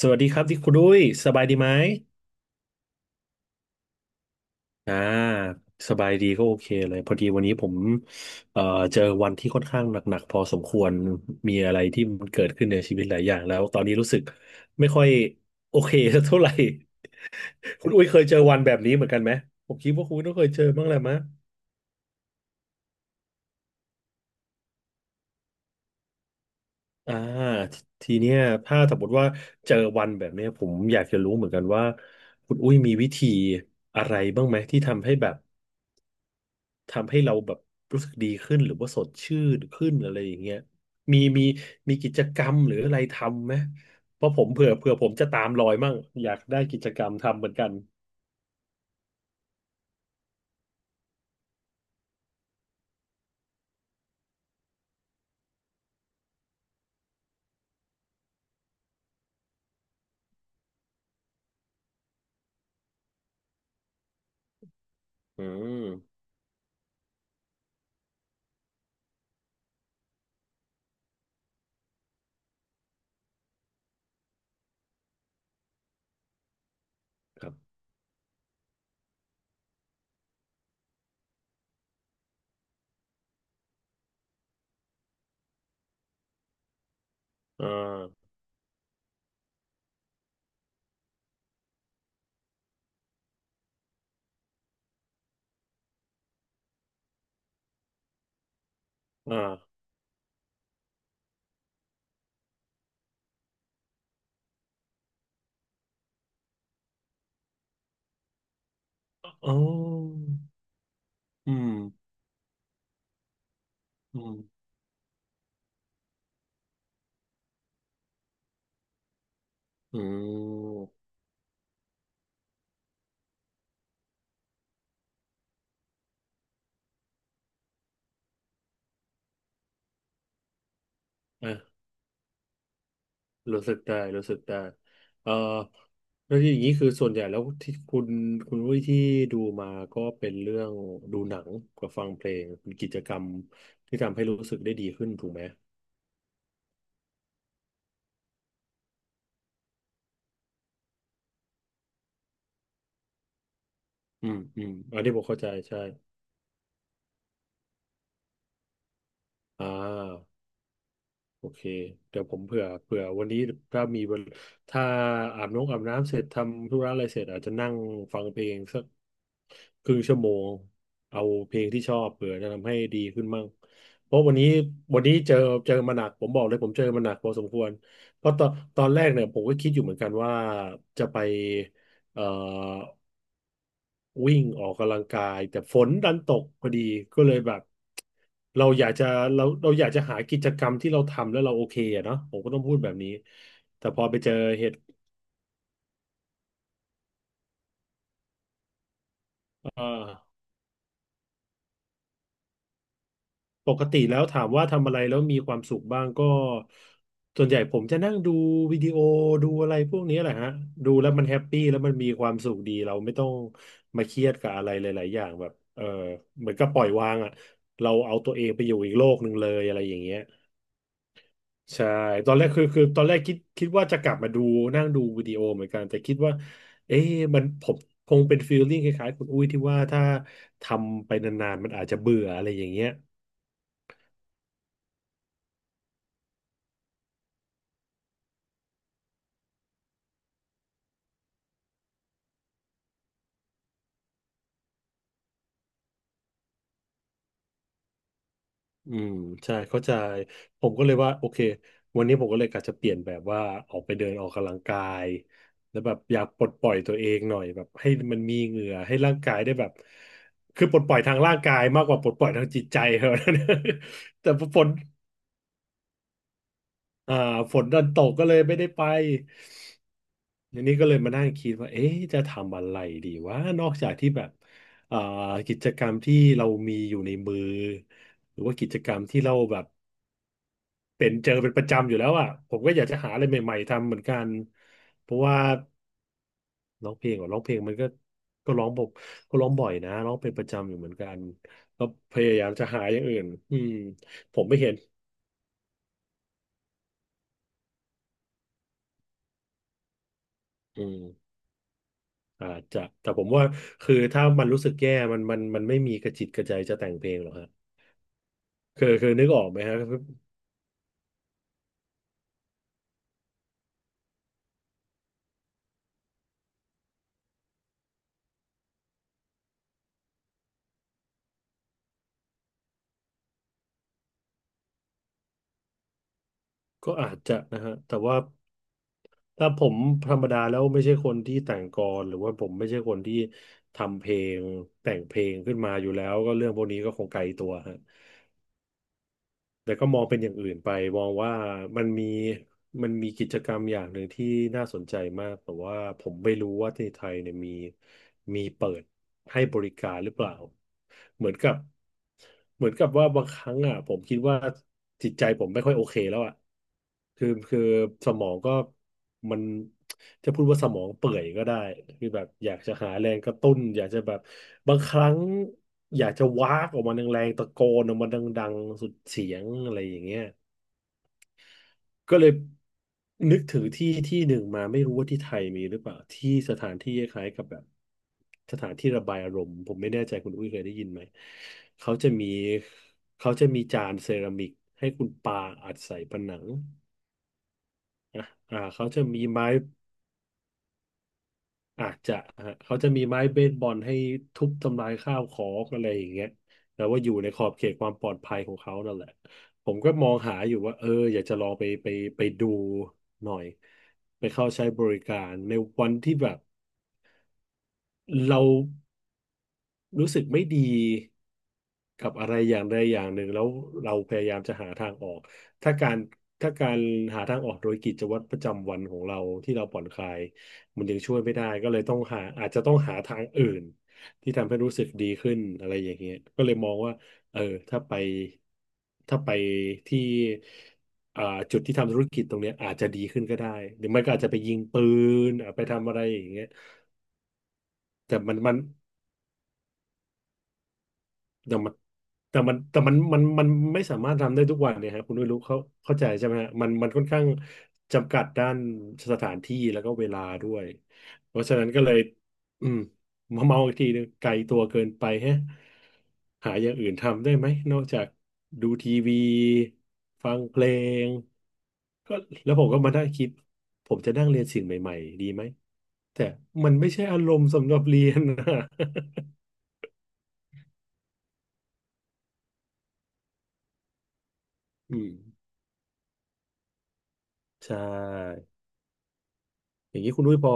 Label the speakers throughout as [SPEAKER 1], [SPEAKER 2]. [SPEAKER 1] สวัสดีครับที่คุณดุ้ยสบายดีไหมอ่าสบายดีก็โอเคเลยพอดีวันนี้ผมเอ่อเจอวันที่ค่อนข้างหนักๆพอสมควรมีอะไรที่มันเกิดขึ้นในชีวิตหลายอย่างแล้วตอนนี้รู้สึกไม่ค่อยโอเคสักเท่าไหร่ คุณอุ้ยเคยเจอวันแบบนี้เหมือนกันไหมผมคิดว่าคุณต้องเคยเจอบ้างแหละมั้ยอ่าททีเนี้ยถ้าสมมติว่าเจอวันแบบเนี้ยผมอยากจะรู้เหมือนกันว่าคุณอุ้ยมีวิธีอะไรบ้างไหมที่ทำให้แบบ ทำให้เราแบบรู้สึกดีขึ้นหรือว่าสดชื่นขึ้นอะไรอย่างเงี้ยมีมีกิจกรรมหรืออะไรทำไหม เพราะผมเผื่อผมจะตามรอยมั่งอยากได้กิจกรรมทำเหมือนกัน อืม ครับ อ่าอ่าอ๋ออืม อืม อืมอ่า รู้สึกได้เอ่อแล้วอย่างนี้คือส่วนใหญ่แล้วที่คุณวุ้ยที่ดูมาก็เป็นเรื่องดูหนังกับฟังเพลงเป็นกิจกรรมที่ทำให้รู้สึกได้ดีขึ้นถูกไหมอืมอืมอันนี้ผมเข้าใจใช่อ่าโอเคเดี๋ยวผมเผื่อวันนี้ถ้ามีเวลถ้าอาบน้ำเสร็จทำธุระอะไรเสร็จอาจจะนั่งฟังเพลงสัก ครึ่งชั่วโมงเอาเพลงที่ชอบเผื่อจะทำให้ดีขึ้นมั่งเพราะวันนี้เจอมาหนักผมบอกเลยผมเจอมาหนักพอสมควรเพราะตอนแรกเนี่ยผมก็คิดอยู่เหมือนกันว่าจะไปเอ่อวิ่งออกกำลังกายแต่ฝนดันตกพอดีก็เลยแบบเราอยากจะเราอยากจะหากิจกรรมที่เราทำแล้วเราโอเคอะเนาะผมก็ต้องพูดแบบนี้แต่พอไปเจอเหตุเอ่อ ปกติแล้วถามว่าทำอะไรแล้วมีความสุขบ้างก็ส่วนใหญ่ผมจะนั่งดูวิดีโอดูอะไรพวกนี้แหละฮะดูแล้วมันแฮปปี้แล้วมันมีความสุขดีเราไม่ต้องมาเครียดกับอะไรหลายๆอย่างแบบเออเหมือนกับปล่อยวางอ่ะเราเอาตัวเองไปอยู่อีกโลกหนึ่งเลยอะไรอย่างเงี้ยใช่ตอนแรกคือตอนแรกคิดว่าจะกลับมาดูนั่งดูวิดีโอเหมือนกันแต่คิดว่าเอ๊ะมันผมคงเป็นฟีลลิ่งคล้ายๆคุณอุ้ยที่ว่าถ้าทำไปนานๆมันอาจจะเบื่ออะไรอย่างเงี้ย อืมใช่เข้าใจผมก็เลยว่าโอเควันนี้ผมก็เลยกะจะเปลี่ยนแบบว่าออกไปเดินออกกำลังกายแล้วแบบอยากปลดปล่อยตัวเองหน่อยแบบให้มันมีเหงื่อให้ร่างกายได้แบบคือปลดปล่อยทางร่างกายมากกว่าปลดปล่อยทางจิตใจเหรอะ แต่ฝนอ่าฝนดันตกก็เลยไม่ได้ไปอันนี้ก็เลยมานั่งคิดว่าเอ๊ะจะทำอะไรดีวะนอกจากที่แบบอ่ากิจกรรมที่เรามีอยู่ในมือหรือว่ากิจกรรมที่เราแบบ เป็นเจอเป็นประจำอยู่แล้วอ่ะผมก็อยากจะหาอะไรใหม่ๆทำเหมือนกันเพราะว่าร้องเพลงอ่ะร้องเพลงมันก็ก็ร้องผมก็ร้องบ่อยนะร้องเป็นประจำอยู่เหมือนกันก็พยายามจะหาอย่างอื่นอืมผมไม่เห็นอืมอาจจะแต่ผมว่าคือถ้ามันรู้สึกแย่มันไม่มีกระจิตกระใจจะแต่งเพลงหรอกฮะคือนึกออกไหมฮะก็อาจจะนะฮะแต่ว่า ถ้าผมธรรมดาแล้วไม่ใช่คนที่แต่งกลอนหรือว่าผมไม่ใช่คนที่ทำเพลงแต่งเพลงขึ้นมาอยู่แล้วก็เรื่องพวกนี้ก็คงไกลตัวฮะแต่ก็มองเป็นอย่างอื่นไปมองว่ามันมีมันมีกิจกรรมอย่างหนึ่งที่น่าสนใจมากแต่ว่าผมไม่รู้ว่าที่ไทยเนี่ยมีเปิดให้บริการหรือเปล่าเหมือนกับเหมือนกับว่าบางครั้งอ่ะผมคิดว่าจิตใจผมไม่ค่อยโอเคแล้วอ่ะคือสมองก็ มันจะพูดว่าสมองเปื่อยก็ได้คือแบบอยากจะหาแรงกระตุ้นอยากจะแบบบางครั้งอยากจะวากออกมาแรงๆตะโกนออกมาดังๆสุดเสียงอะไรอย่างเงี้ยก็เลยนึกถึงที่ที่หนึ่งมาไม่รู้ว่าที่ไทยมีหรือเปล่าที่สถานที่คล้ายๆกับแบบสถานที่ระบายอารมณ์ผมไม่แน่ใจคุณอุ้ยเคยได้ยินไหมเขาจะมีเขาจะมีจานเซรามิกให้คุณปาอัดใส่ผนังอ่ะอ่าเขาจะมีไม้ อาจจะฮะเขาจะมีไม้เบสบอลให้ทุบทำลายข้าวของอะไรอย่างเงี้ยแต่ว่าอยู่ในขอบเขตความปลอดภัยของเขานั่นแหละผมก็มองหาอยู่ว่าเอออยากจะลองไปไปดูหน่อยไปเข้าใช้บริการในวันที่แบบ เรารู้สึกไม่ดีกับอะไรอย่างใดอย่างหนึ่งแล้วเราพยายามจะหาทางออกถ้าการถ้าการหาทางออกโดยกิจวัตรประจำวันของเราที่เราผ่อนคลายมันยังช่วยไม่ได้ก็เลยต้องหาอาจจะต้องหาทางอื่นที่ทำให้รู้สึกดีขึ้นอะไรอย่างเงี้ยก็เลยมองว่าเออถ้าไปถ้าไปที่อ่าจุดที่ทำธุรกิจตรงเนี้ยอาจจะดีขึ้นก็ได้หรือไม่ก็อาจจะไปยิงปืนอ่ะไปทำอะไรอย่างเงี้ยแต่มันมัน แต่มันแต่มันแต่มันมันมันไม่สามารถทำได้ทุกวันเนี่ยฮะคุณไม่รู้เขาเข้าใจใช่ไหมฮะมันค่อนข้างจำกัดด้านสถานที่แล้วก็เวลาด้วยเพราะฉะนั้นก็เลยอืมมาเมาอีกทีนึงไกลตัวเกินไปแฮะหาอย่างอื่นทำได้ไหมนอกจากดูทีวีฟังเพลงก็แล้วผมก็มานั่งคิดผมจะนั่งเรียนสิ่งใหม่ๆดีไหมแต่มันไม่ใช่อารมณ์สำหรับเรียนนะ อืมใช่ อย่างนี้คุณอุ้ยพอ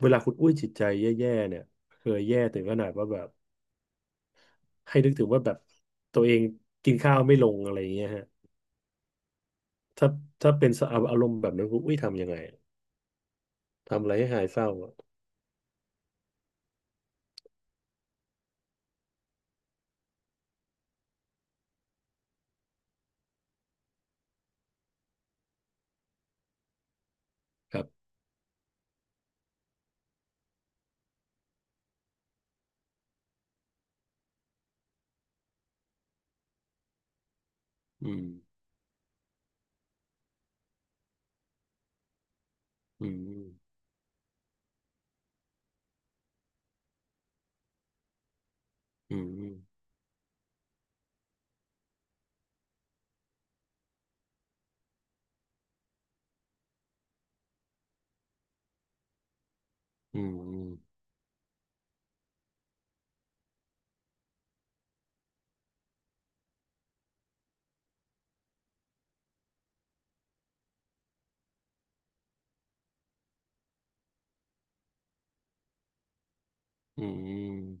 [SPEAKER 1] เวลาคุณอุ้ยจิตใจแย่ๆเนี่ยเคยแย่ถึงขนาดว่าแบบให้นึกถึงว่าแบบตัวเองกินข้าวไม่ลงอะไรอย่างเงี้ยฮะถ้าถ้าเป็นสภาพอารมณ์แบบนั้นคุณอุ้ยทำยังไงทำอะไรให้หายเศร้าอะครับอืมอืมอืมอืมอืม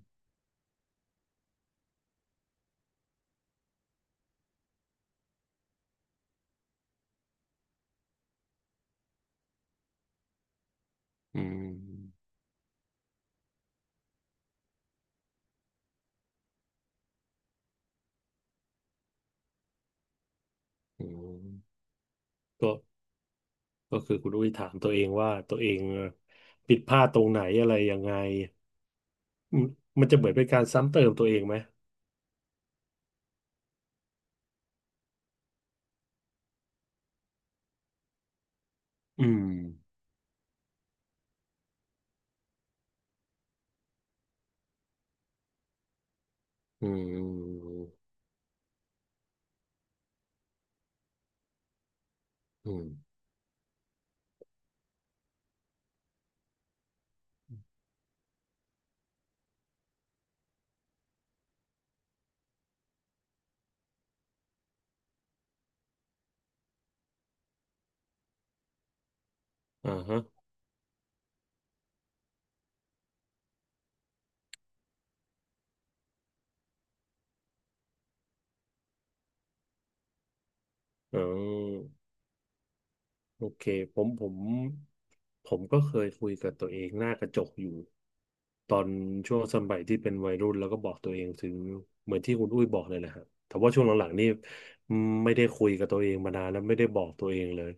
[SPEAKER 1] อืมอืมก็ก็คือคุณอุ้ยถามตัวเองว่าตัวเองผิดพลาดตรงไหนอะไรยังไงอืมมันจะเหมือนเป็นการซ้ำเติมตัวเองไหมอืมอืม อืมอ่าฮะอ๋อโอเคผมผมผมก็เคยคุยกับตัวเองหน้ากระจกอยู่ตอนช่วงสมัยที่เป็นวัยรุ่นแล้วก็บอกตัวเองถึงเหมือนที่คุณอุ้ยบอกเลยแหละฮะแต่ว่าช่วงหลังๆนี่ ไม่ได้คุยกับตัวเองมานานแล้วไม่ได้บอกตัวเองเลย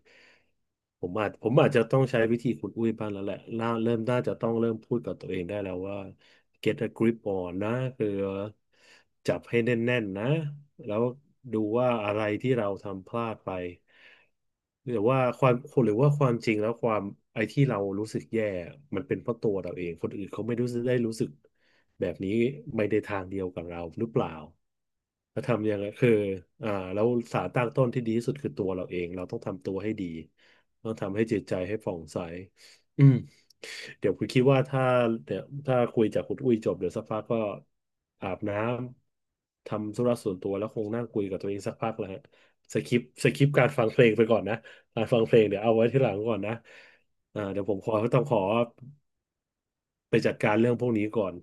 [SPEAKER 1] ผมอาจจะต้องใช้วิธีคุณอุ้ยบ้างแล้วแหละน่าเริ่มน่าจะต้องเริ่มพูดกับตัวเองได้แล้วว่า get a grip on นะคือจับให้แน่นๆนะแล้วดูว่าอะไรที่เราทำพลาดไปหรือว่าความหรือว่าความจริงแล้วความไอ้ที่เรารู้สึกแย่มันเป็นเพราะตัวเราเองคนอื่นเขาไม่รู้สึกได้รู้สึก แบบนี้ไม่ได้ทางเดียวกับเราหรือเปล่าแล้วทำยังไงคืออ่าแล้วสารตั้งต้นที่ดีที่สุดคือตัวเราเอง เราต้องทำตัวให้ดีต้องทำให้จิตใจให้ผ่องใสอืมเดี๋ยวคุณคิดว่าถ้าเดี๋ยวถ้าคุยจากคุณอุ้ยจบเดี๋ยวสักพักก็อาบน้ำ ทำธุระส่วนตัวแล้วคงนั่งคุยกับตัวเองสักพักแล้วฮะสคิปการฟังเพลงไปก่อนนะการฟังเพลงเดี๋ยวเอาไว้ที่หลังก่อนนะอ่าเดี๋ยวผมขอต้องขอไปจัดการเรื่องพวกนี้ก่อน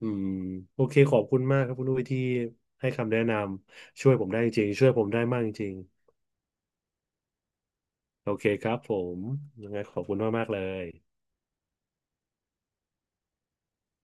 [SPEAKER 1] อืมโอเคขอบคุณมากครับคุณอุ้ยที่ให้คำแนะนำช่วยผมได้จริงๆช่วยผมได้มากจริงๆโอเคครับผมยังไงขอบคุณมากๆเลย